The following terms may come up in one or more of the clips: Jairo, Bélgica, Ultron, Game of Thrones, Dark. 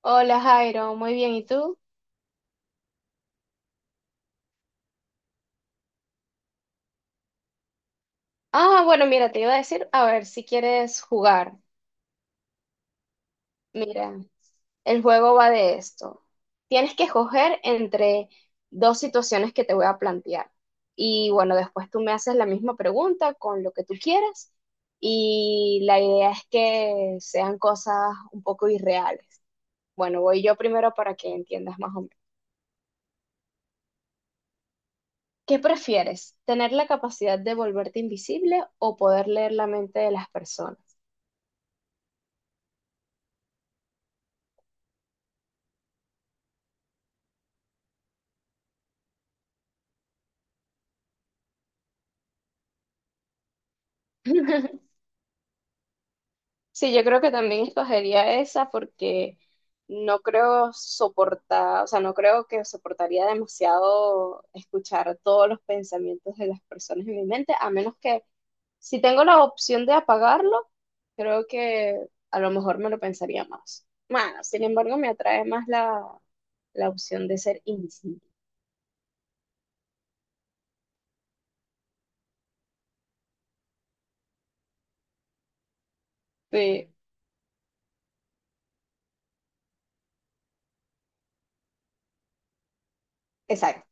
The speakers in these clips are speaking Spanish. Hola Jairo, muy bien, ¿y tú? Ah, bueno, mira, te iba a decir, a ver si quieres jugar. Mira, el juego va de esto. Tienes que escoger entre dos situaciones que te voy a plantear. Y bueno, después tú me haces la misma pregunta con lo que tú quieras. Y la idea es que sean cosas un poco irreales. Bueno, voy yo primero para que entiendas más o menos. ¿Qué prefieres? ¿Tener la capacidad de volverte invisible o poder leer la mente de las personas? Sí, yo creo que también escogería esa porque no creo soportar, o sea, no creo que soportaría demasiado escuchar todos los pensamientos de las personas en mi mente, a menos que si tengo la opción de apagarlo, creo que a lo mejor me lo pensaría más. Bueno, sin embargo, me atrae más la opción de ser invisible. Sí, exacto.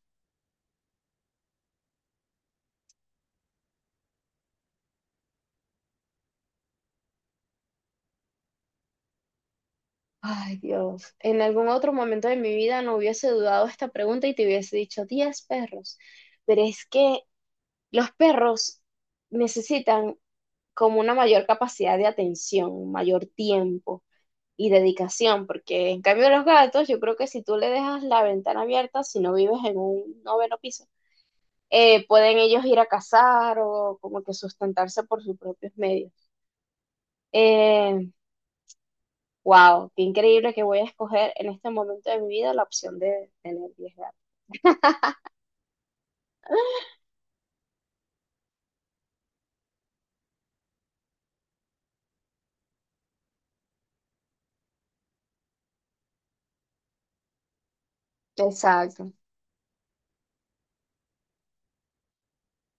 Ay, Dios, en algún otro momento de mi vida no hubiese dudado esta pregunta y te hubiese dicho 10 perros, pero es que los perros necesitan como una mayor capacidad de atención, mayor tiempo y dedicación, porque en cambio los gatos, yo creo que si tú le dejas la ventana abierta, si no vives en un noveno piso, pueden ellos ir a cazar o como que sustentarse por sus propios medios. Eh, Wow, qué increíble que voy a escoger en este momento de mi vida la opción de tener 10 gatos. Exacto,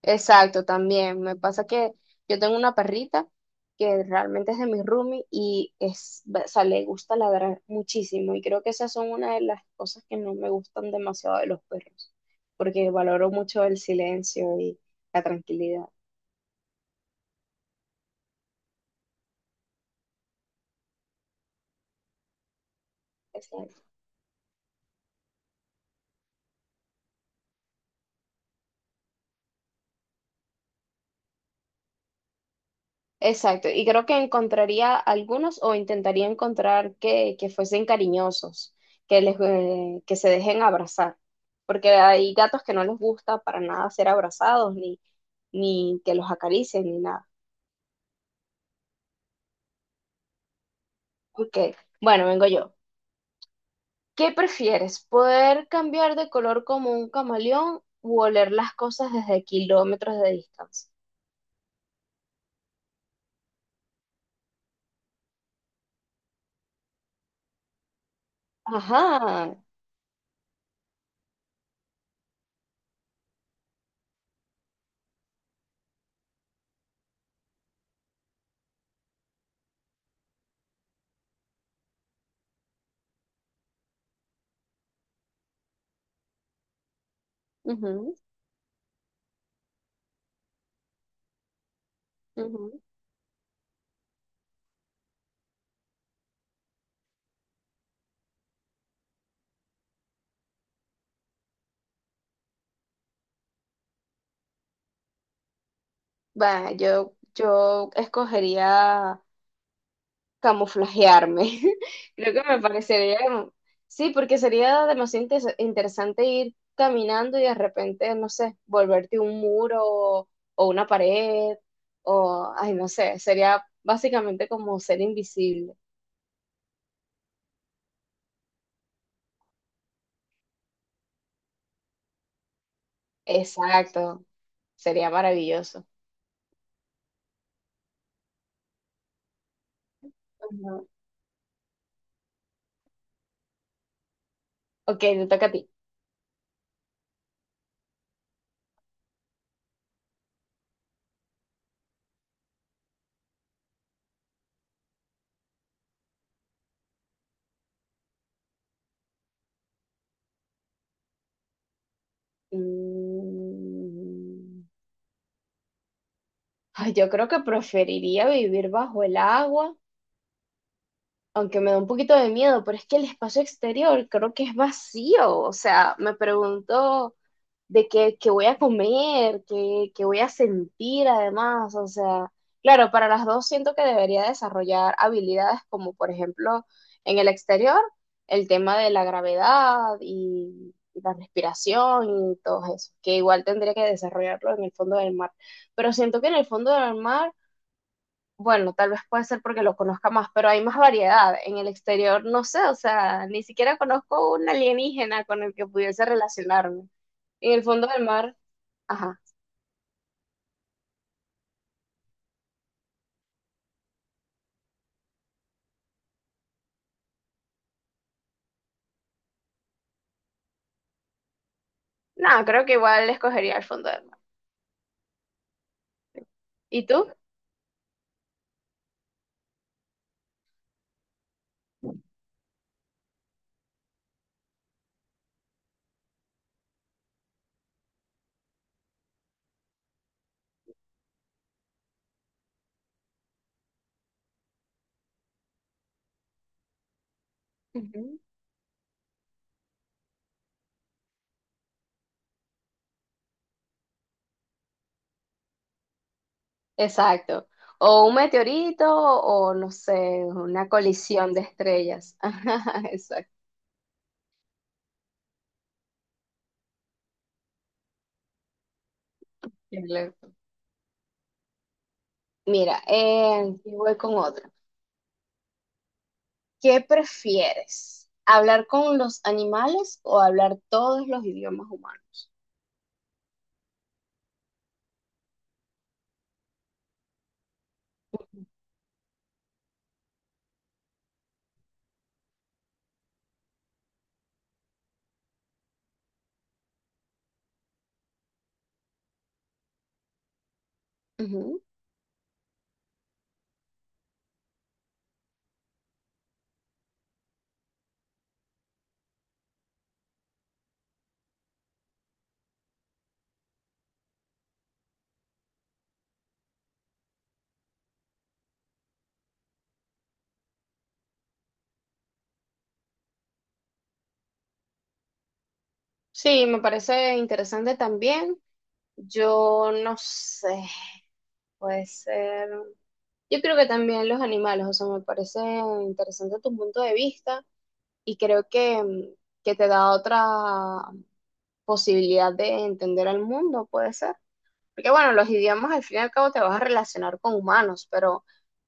exacto, también. Me pasa que yo tengo una perrita que realmente es de mi roomie y es, o sea, le gusta ladrar muchísimo y creo que esas son una de las cosas que no me gustan demasiado de los perros, porque valoro mucho el silencio y la tranquilidad. Exacto, y creo que encontraría algunos o intentaría encontrar que fuesen cariñosos, que se dejen abrazar, porque hay gatos que no les gusta para nada ser abrazados, ni, ni que los acaricien, ni nada. Ok, bueno, vengo yo. ¿Qué prefieres? ¿Poder cambiar de color como un camaleón u oler las cosas desde kilómetros de distancia? Ajá. Ujú, ujú. Va, yo escogería camuflajearme. Creo que me parecería, sí, porque sería demasiado interesante ir caminando y de repente, no sé, volverte un muro o, una pared o, ay, no sé, sería básicamente como ser invisible. Exacto, sería maravilloso. Ujú. Ok, te toca a ti. Mm, Ay, yo creo que preferiría vivir bajo el agua aunque me da un poquito de miedo, pero es que el espacio exterior creo que es vacío. O sea, me pregunto de qué voy a comer, qué voy a sentir además. O sea, claro, para las dos siento que debería desarrollar habilidades como, por ejemplo, en el exterior, el tema de la gravedad y la respiración y todo eso, que igual tendría que desarrollarlo en el fondo del mar. Pero siento que en el fondo del mar bueno, tal vez puede ser porque lo conozca más, pero hay más variedad. En el exterior, no sé, o sea, ni siquiera conozco un alienígena con el que pudiese relacionarme. En el fondo del mar, ajá. No, creo que igual escogería el fondo del mar. ¿Y tú? Ujú. Exacto. O un meteorito o no sé, una colisión de estrellas. Ajá, exacto. Qué loco. Mira, y voy con otra. ¿Qué prefieres? ¿Hablar con los animales o hablar todos los idiomas humanos? Ujú. Sí, me parece interesante también. Yo no sé, puede ser. Yo creo que también los animales, o sea, me parece interesante tu punto de vista y creo que, que te da otra posibilidad de entender al mundo, puede ser. Porque bueno, los idiomas al fin y al cabo te vas a relacionar con humanos, pero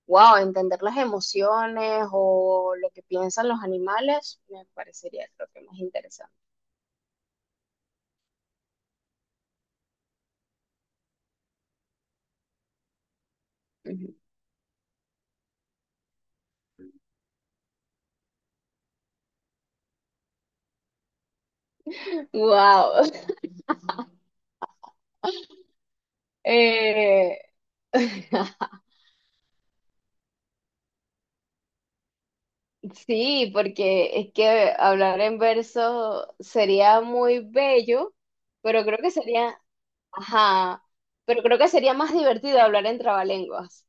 wow, entender las emociones o lo que piensan los animales me parecería creo que más interesante. Ujú. Wow. Eh, sí, porque es que hablar en verso sería muy bello, pero creo que sería, ajá, pero creo que sería más divertido hablar en trabalenguas.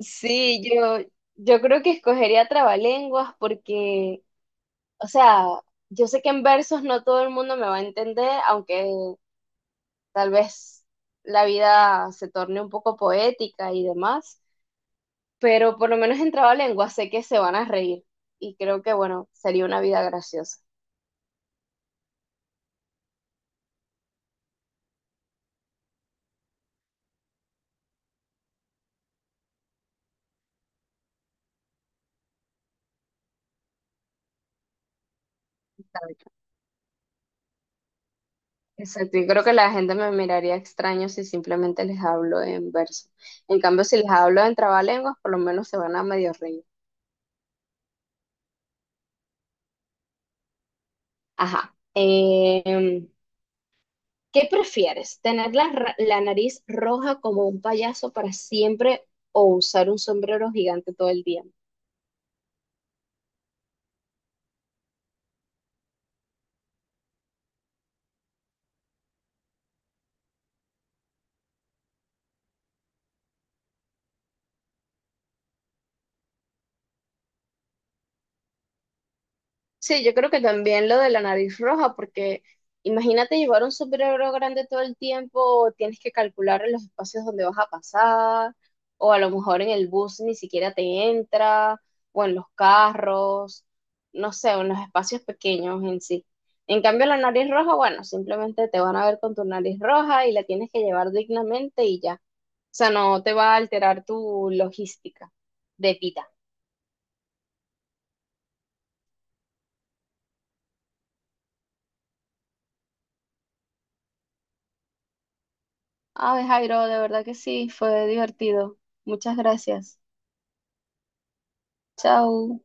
Sí, yo creo que escogería trabalenguas porque, o sea, yo sé que en versos no todo el mundo me va a entender, aunque tal vez la vida se torne un poco poética y demás, pero por lo menos en trabalenguas sé que se van a reír y creo que, bueno, sería una vida graciosa. Exacto, y creo que la gente me miraría extraño si simplemente les hablo en verso. En cambio, si les hablo en trabalenguas, por lo menos se van a medio reír. Ajá. ¿Qué prefieres? ¿Tener la nariz roja como un payaso para siempre o usar un sombrero gigante todo el día? Sí, yo creo que también lo de la nariz roja, porque imagínate llevar un sombrero grande todo el tiempo, tienes que calcular los espacios donde vas a pasar, o a lo mejor en el bus ni siquiera te entra, o en los carros, no sé, o en los espacios pequeños en sí. En cambio, la nariz roja, bueno, simplemente te van a ver con tu nariz roja y la tienes que llevar dignamente y ya. O sea, no te va a alterar tu logística de vida. Ay, Jairo, de verdad que sí, fue divertido. Muchas gracias. Chao.